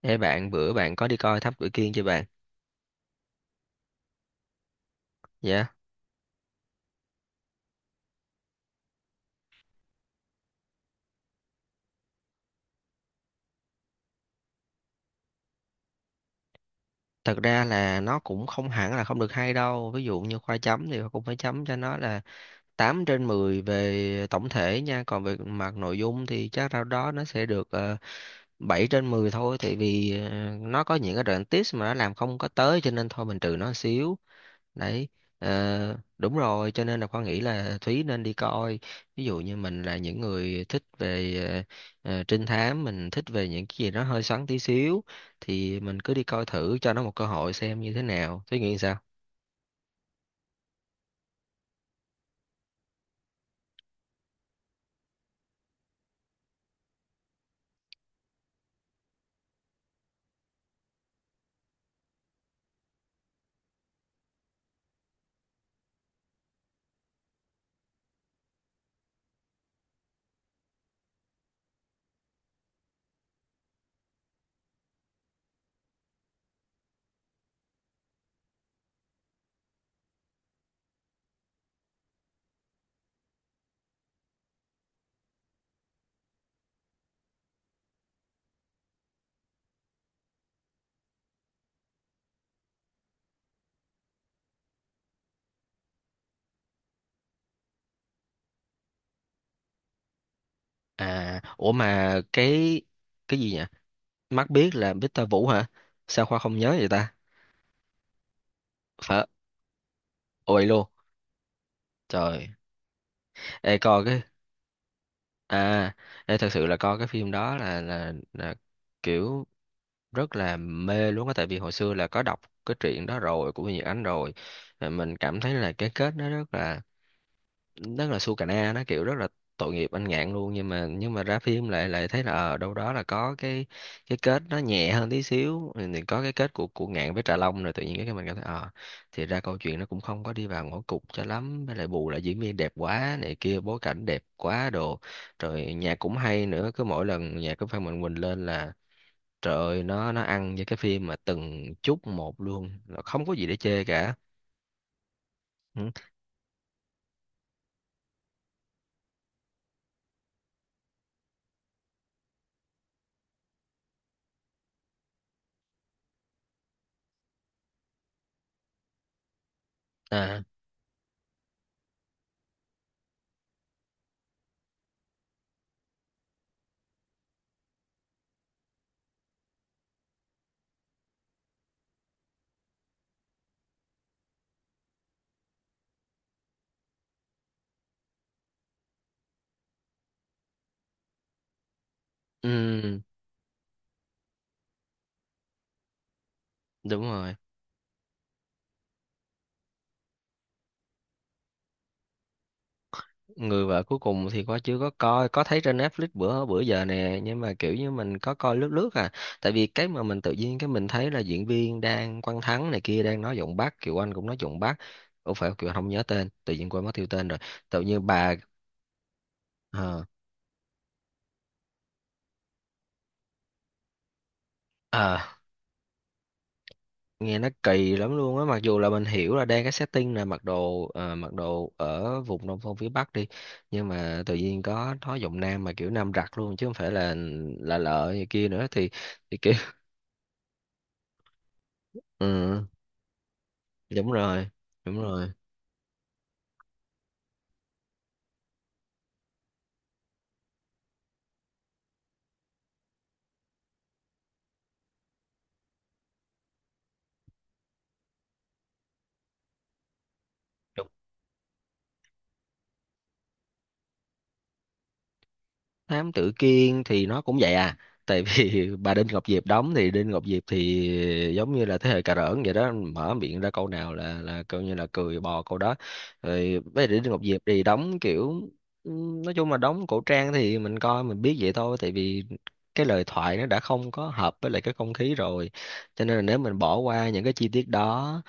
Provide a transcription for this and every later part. Ê bạn bữa bạn có đi coi Thám Tử Kiên chưa bạn? Dạ. Thật ra là nó cũng không hẳn là không được hay đâu. Ví dụ như khoa chấm thì cũng phải chấm cho nó là 8 trên 10 về tổng thể nha. Còn về mặt nội dung thì chắc đâu đó nó sẽ được 7 trên 10 thôi. Tại vì nó có những cái đoạn tips mà nó làm không có tới cho nên thôi mình trừ nó một xíu. Đấy, ờ, đúng rồi, cho nên là Khoa nghĩ là Thúy nên đi coi, ví dụ như mình là những người thích về trinh thám, mình thích về những cái gì nó hơi xoắn tí xíu thì mình cứ đi coi thử cho nó một cơ hội xem như thế nào. Thúy nghĩ sao? À ủa mà cái gì nhỉ? Mắt biết là Victor Vũ hả? Sao Khoa không nhớ vậy ta? Phải. Ôi luôn. Trời. Ê coi cái, à, ê, thật sự là coi cái phim đó là kiểu rất là mê luôn á, tại vì hồi xưa là có đọc cái truyện đó rồi của Nhật Ánh rồi. Là mình cảm thấy là cái kết nó rất là su cà na, nó kiểu rất là tội nghiệp anh Ngạn luôn, nhưng mà ra phim lại lại thấy là ở đâu đó là có cái kết nó nhẹ hơn tí xíu, thì có cái kết của Ngạn với Trà Long, rồi tự nhiên cái mình cảm thấy ờ thì ra câu chuyện nó cũng không có đi vào ngõ cụt cho lắm, với lại bù lại diễn viên đẹp quá này kia, bối cảnh đẹp quá đồ, rồi nhạc cũng hay nữa, cứ mỗi lần nhạc của Phan Mạnh Quỳnh lên là trời ơi, nó ăn với cái phim mà từng chút một luôn, là không có gì để chê cả. Ừ. À, ừm, đúng rồi. Người vợ cuối cùng thì có chưa có coi, có thấy trên Netflix bữa bữa giờ nè, nhưng mà kiểu như mình có coi lướt lướt à. Tại vì cái mà mình tự nhiên cái mình thấy là diễn viên đang Quang Thắng này kia đang nói giọng Bắc, Kiều Anh cũng nói giọng Bắc. Ủa phải Kiều Anh không nhớ tên, tự nhiên quên mất tiêu tên rồi. Tự nhiên bà ờ, ờ, nghe nó kỳ lắm luôn á, mặc dù là mình hiểu là đang cái setting là mặc đồ mặc đồ ở vùng nông thôn phía Bắc đi, nhưng mà tự nhiên có nói giọng Nam mà kiểu Nam giặc luôn chứ không phải là lợ gì kia nữa, thì kiểu ừ đúng rồi đúng rồi. Thám tử Kiên thì nó cũng vậy à, tại vì bà Đinh Ngọc Diệp đóng thì Đinh Ngọc Diệp thì giống như là thế hệ cà rỡn vậy đó, mở miệng ra câu nào là coi như là cười bò câu đó. Rồi với Đinh Ngọc Diệp thì đóng kiểu nói chung là đóng cổ trang thì mình coi mình biết vậy thôi, tại vì cái lời thoại nó đã không có hợp với lại cái không khí rồi, cho nên là nếu mình bỏ qua những cái chi tiết đó,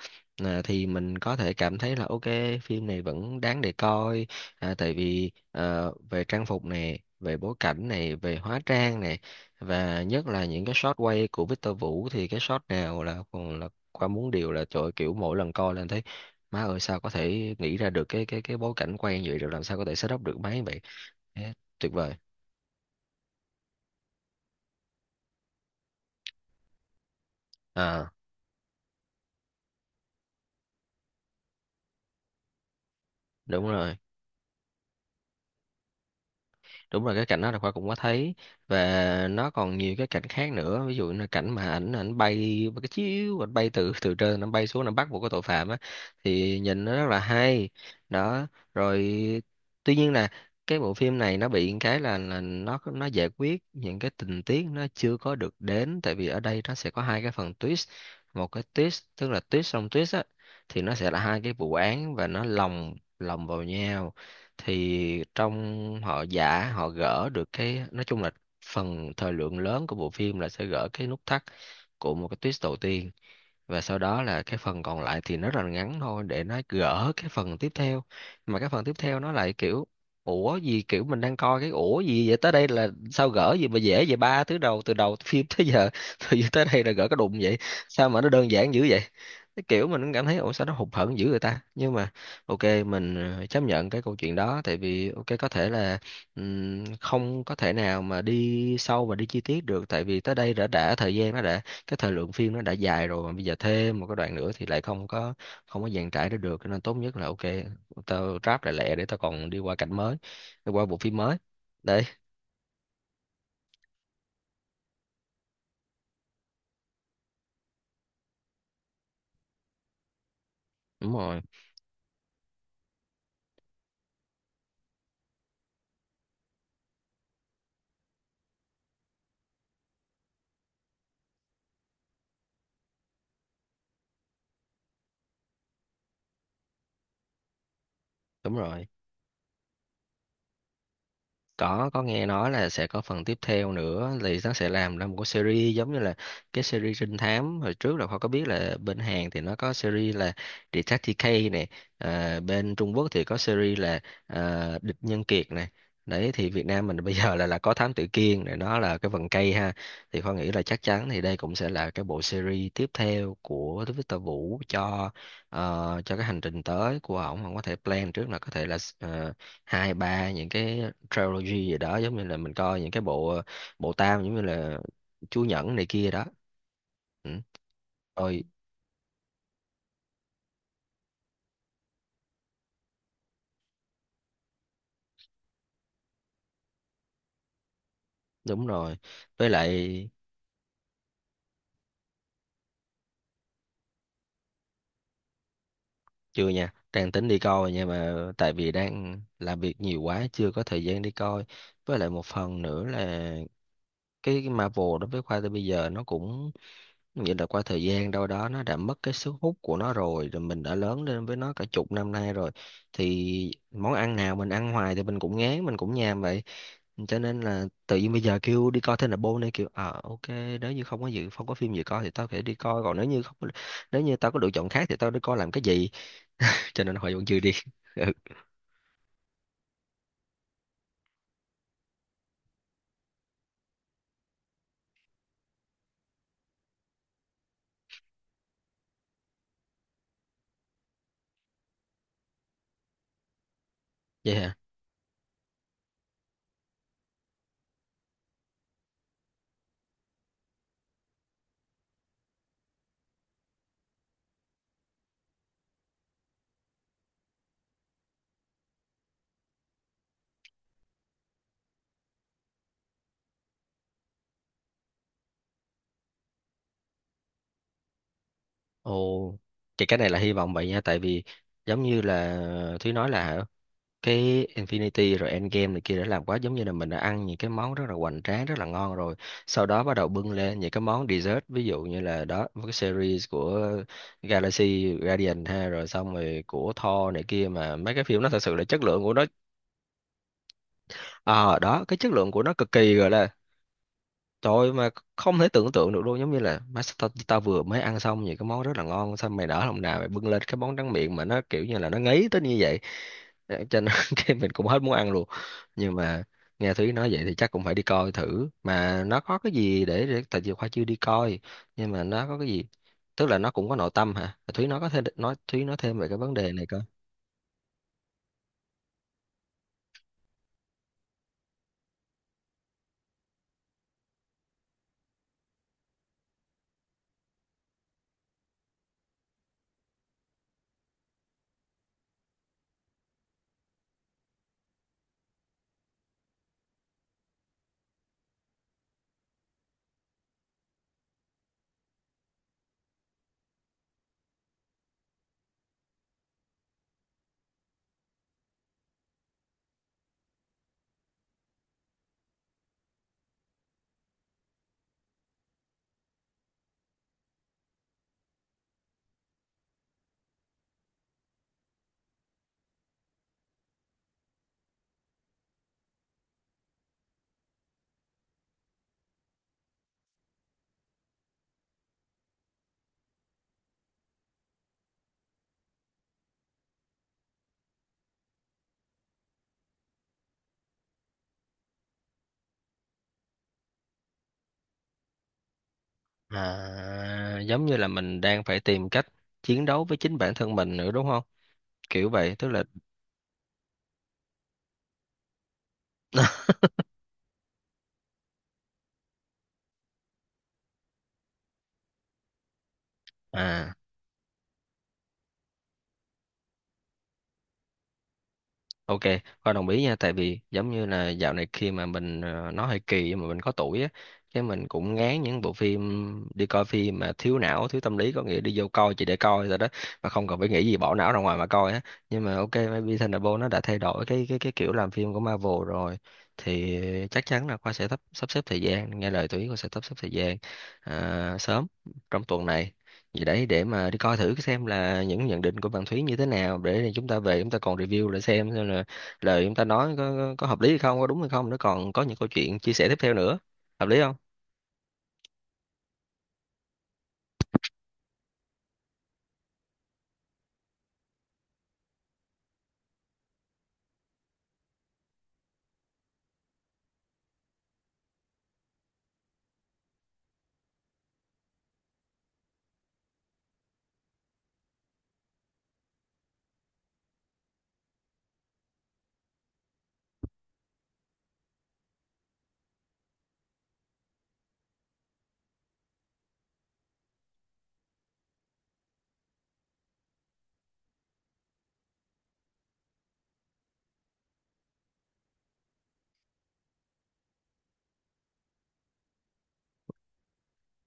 à, thì mình có thể cảm thấy là ok, phim này vẫn đáng để coi. À, tại vì về trang phục này, về bối cảnh này, về hóa trang này, và nhất là những cái shot quay của Victor Vũ thì cái shot nào là còn là qua muốn điều là trời ơi, kiểu mỗi lần coi lên thấy má ơi sao có thể nghĩ ra được cái bối cảnh quay như vậy, rồi làm sao có thể setup được máy vậy. Thế tuyệt vời. À đúng rồi đúng rồi, cái cảnh đó là khoa cũng có thấy, và nó còn nhiều cái cảnh khác nữa, ví dụ như là cảnh mà ảnh ảnh bay một cái chiếu ảnh bay từ từ trên ảnh bay xuống nó bắt một cái tội phạm á, thì nhìn nó rất là hay. Đó rồi. Tuy nhiên là cái bộ phim này nó bị cái là là nó giải quyết những cái tình tiết nó chưa có được đến, tại vì ở đây nó sẽ có hai cái phần twist, một cái twist tức là twist xong twist á, thì nó sẽ là hai cái vụ án và nó lồng lồng vào nhau, thì trong họ giả họ gỡ được cái nói chung là phần thời lượng lớn của bộ phim là sẽ gỡ cái nút thắt của một cái twist đầu tiên, và sau đó là cái phần còn lại thì nó rất là ngắn thôi để nó gỡ cái phần tiếp theo, mà cái phần tiếp theo nó lại kiểu ủa gì kiểu mình đang coi cái ủa gì vậy tới đây là sao gỡ gì mà dễ vậy ba thứ đầu từ đầu phim tới giờ, tự nhiên tới đây là gỡ cái đụng vậy, sao mà nó đơn giản dữ vậy, cái kiểu mình cũng cảm thấy ủa sao nó hụt hẫng dữ người ta, nhưng mà ok mình chấp nhận cái câu chuyện đó tại vì ok có thể là không có thể nào mà đi sâu và đi chi tiết được, tại vì tới đây đã thời gian nó đã cái thời lượng phim nó đã dài rồi, mà bây giờ thêm một cái đoạn nữa thì lại không có dàn trải ra được, cho nên tốt nhất là ok tao ráp lại lẹ để tao còn đi qua cảnh mới, đi qua bộ phim mới. Đấy đúng rồi đúng rồi, có nghe nói là sẽ có phần tiếp theo nữa, thì nó sẽ làm ra một cái series giống như là cái series trinh thám hồi trước, là Khoa có biết là bên Hàn thì nó có series là Detective K này, à, bên Trung Quốc thì có series là à, Địch Nhân Kiệt này, đấy thì Việt Nam mình bây giờ là có Thám Tử Kiên này, nó là cái vần cây ha, thì Khoa nghĩ là chắc chắn thì đây cũng sẽ là cái bộ series tiếp theo của Victor Vũ cho cho cái hành trình tới của ổng, không có thể plan trước là có thể là hai ba những cái trilogy gì đó, giống như là mình coi những cái bộ bộ tam giống như là Chúa Nhẫn này kia đó. Ừ. Ôi, đúng rồi. Với lại chưa nha, đang tính đi coi nhưng mà tại vì đang làm việc nhiều quá chưa có thời gian đi coi. Với lại một phần nữa là cái Marvel đối với Khoa tới bây giờ nó cũng vậy, là qua thời gian đâu đó nó đã mất cái sức hút của nó rồi, rồi mình đã lớn lên với nó cả chục năm nay rồi. Thì món ăn nào mình ăn hoài thì mình cũng ngán, mình cũng nhàm vậy. Cho nên là tự nhiên bây giờ kêu đi coi Thunderbolt này kiểu ờ ok, nếu như không có phim gì coi thì tao phải đi coi, còn nếu như không, nếu như tao có lựa chọn khác thì tao đi coi làm cái gì? Cho nên hồi vẫn chưa đi. Ừ, vậy hả? Ồ, thì cái này là hy vọng vậy nha, tại vì giống như là Thúy nói là hả, cái Infinity rồi Endgame này kia đã làm quá, giống như là mình đã ăn những cái món rất là hoành tráng rất là ngon rồi, sau đó bắt đầu bưng lên những cái món dessert, ví dụ như là đó với cái series của Galaxy Guardian ha, rồi xong rồi của Thor này kia, mà mấy cái phim nó thật sự là chất lượng của nó ờ đó cái chất lượng của nó cực kỳ gọi là trời ơi, mà không thể tưởng tượng được luôn, giống như là má sao tao, tao vừa mới ăn xong những cái món rất là ngon, xong mày nở lòng nào mày bưng lên cái món tráng miệng mà nó kiểu như là nó ngấy tới như vậy. Ờ, cho nên cái mình cũng hết muốn ăn luôn. Nhưng mà nghe Thúy nói vậy thì chắc cũng phải đi coi thử mà nó có cái gì để tại vì Khoa chưa đi coi, nhưng mà nó có cái gì tức là nó cũng có nội tâm hả? Ờ, Thúy nói có thêm nói Thúy nói thêm về cái vấn đề này coi. À, giống như là mình đang phải tìm cách chiến đấu với chính bản thân mình nữa đúng không, kiểu vậy tức là à. Ok, Khoa đồng ý nha, tại vì giống như là dạo này khi mà mình nó hơi kỳ nhưng mà mình có tuổi á, cái mình cũng ngán những bộ phim đi coi phim mà thiếu não, thiếu tâm lý, có nghĩa đi vô coi chỉ để coi rồi đó, mà không cần phải nghĩ gì, bỏ não ra ngoài mà coi á. Nhưng mà ok, maybe Thunderbolt nó đã thay đổi cái kiểu làm phim của Marvel rồi, thì chắc chắn là Khoa sẽ sắp sắp xếp thời gian, nghe lời tụi ý Khoa sẽ sắp xếp thời gian, à, sớm trong tuần này. Vậy đấy, để mà đi coi thử xem là những nhận định của bạn Thúy như thế nào, để rồi chúng ta về chúng ta còn review lại xem là lời chúng ta nói có hợp lý hay không, có đúng hay không, nó còn có những câu chuyện chia sẻ tiếp theo nữa, hợp lý không?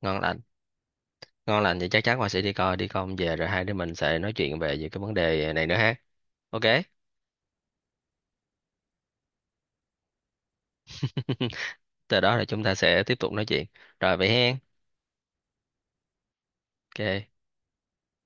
Ngon lành. Ngon lành thì chắc chắn Hoa sẽ đi coi, đi coi về rồi hai đứa mình sẽ nói chuyện về những cái vấn đề này nữa ha. Ok. Từ đó là chúng ta sẽ tiếp tục nói chuyện, rồi vậy hen, ok.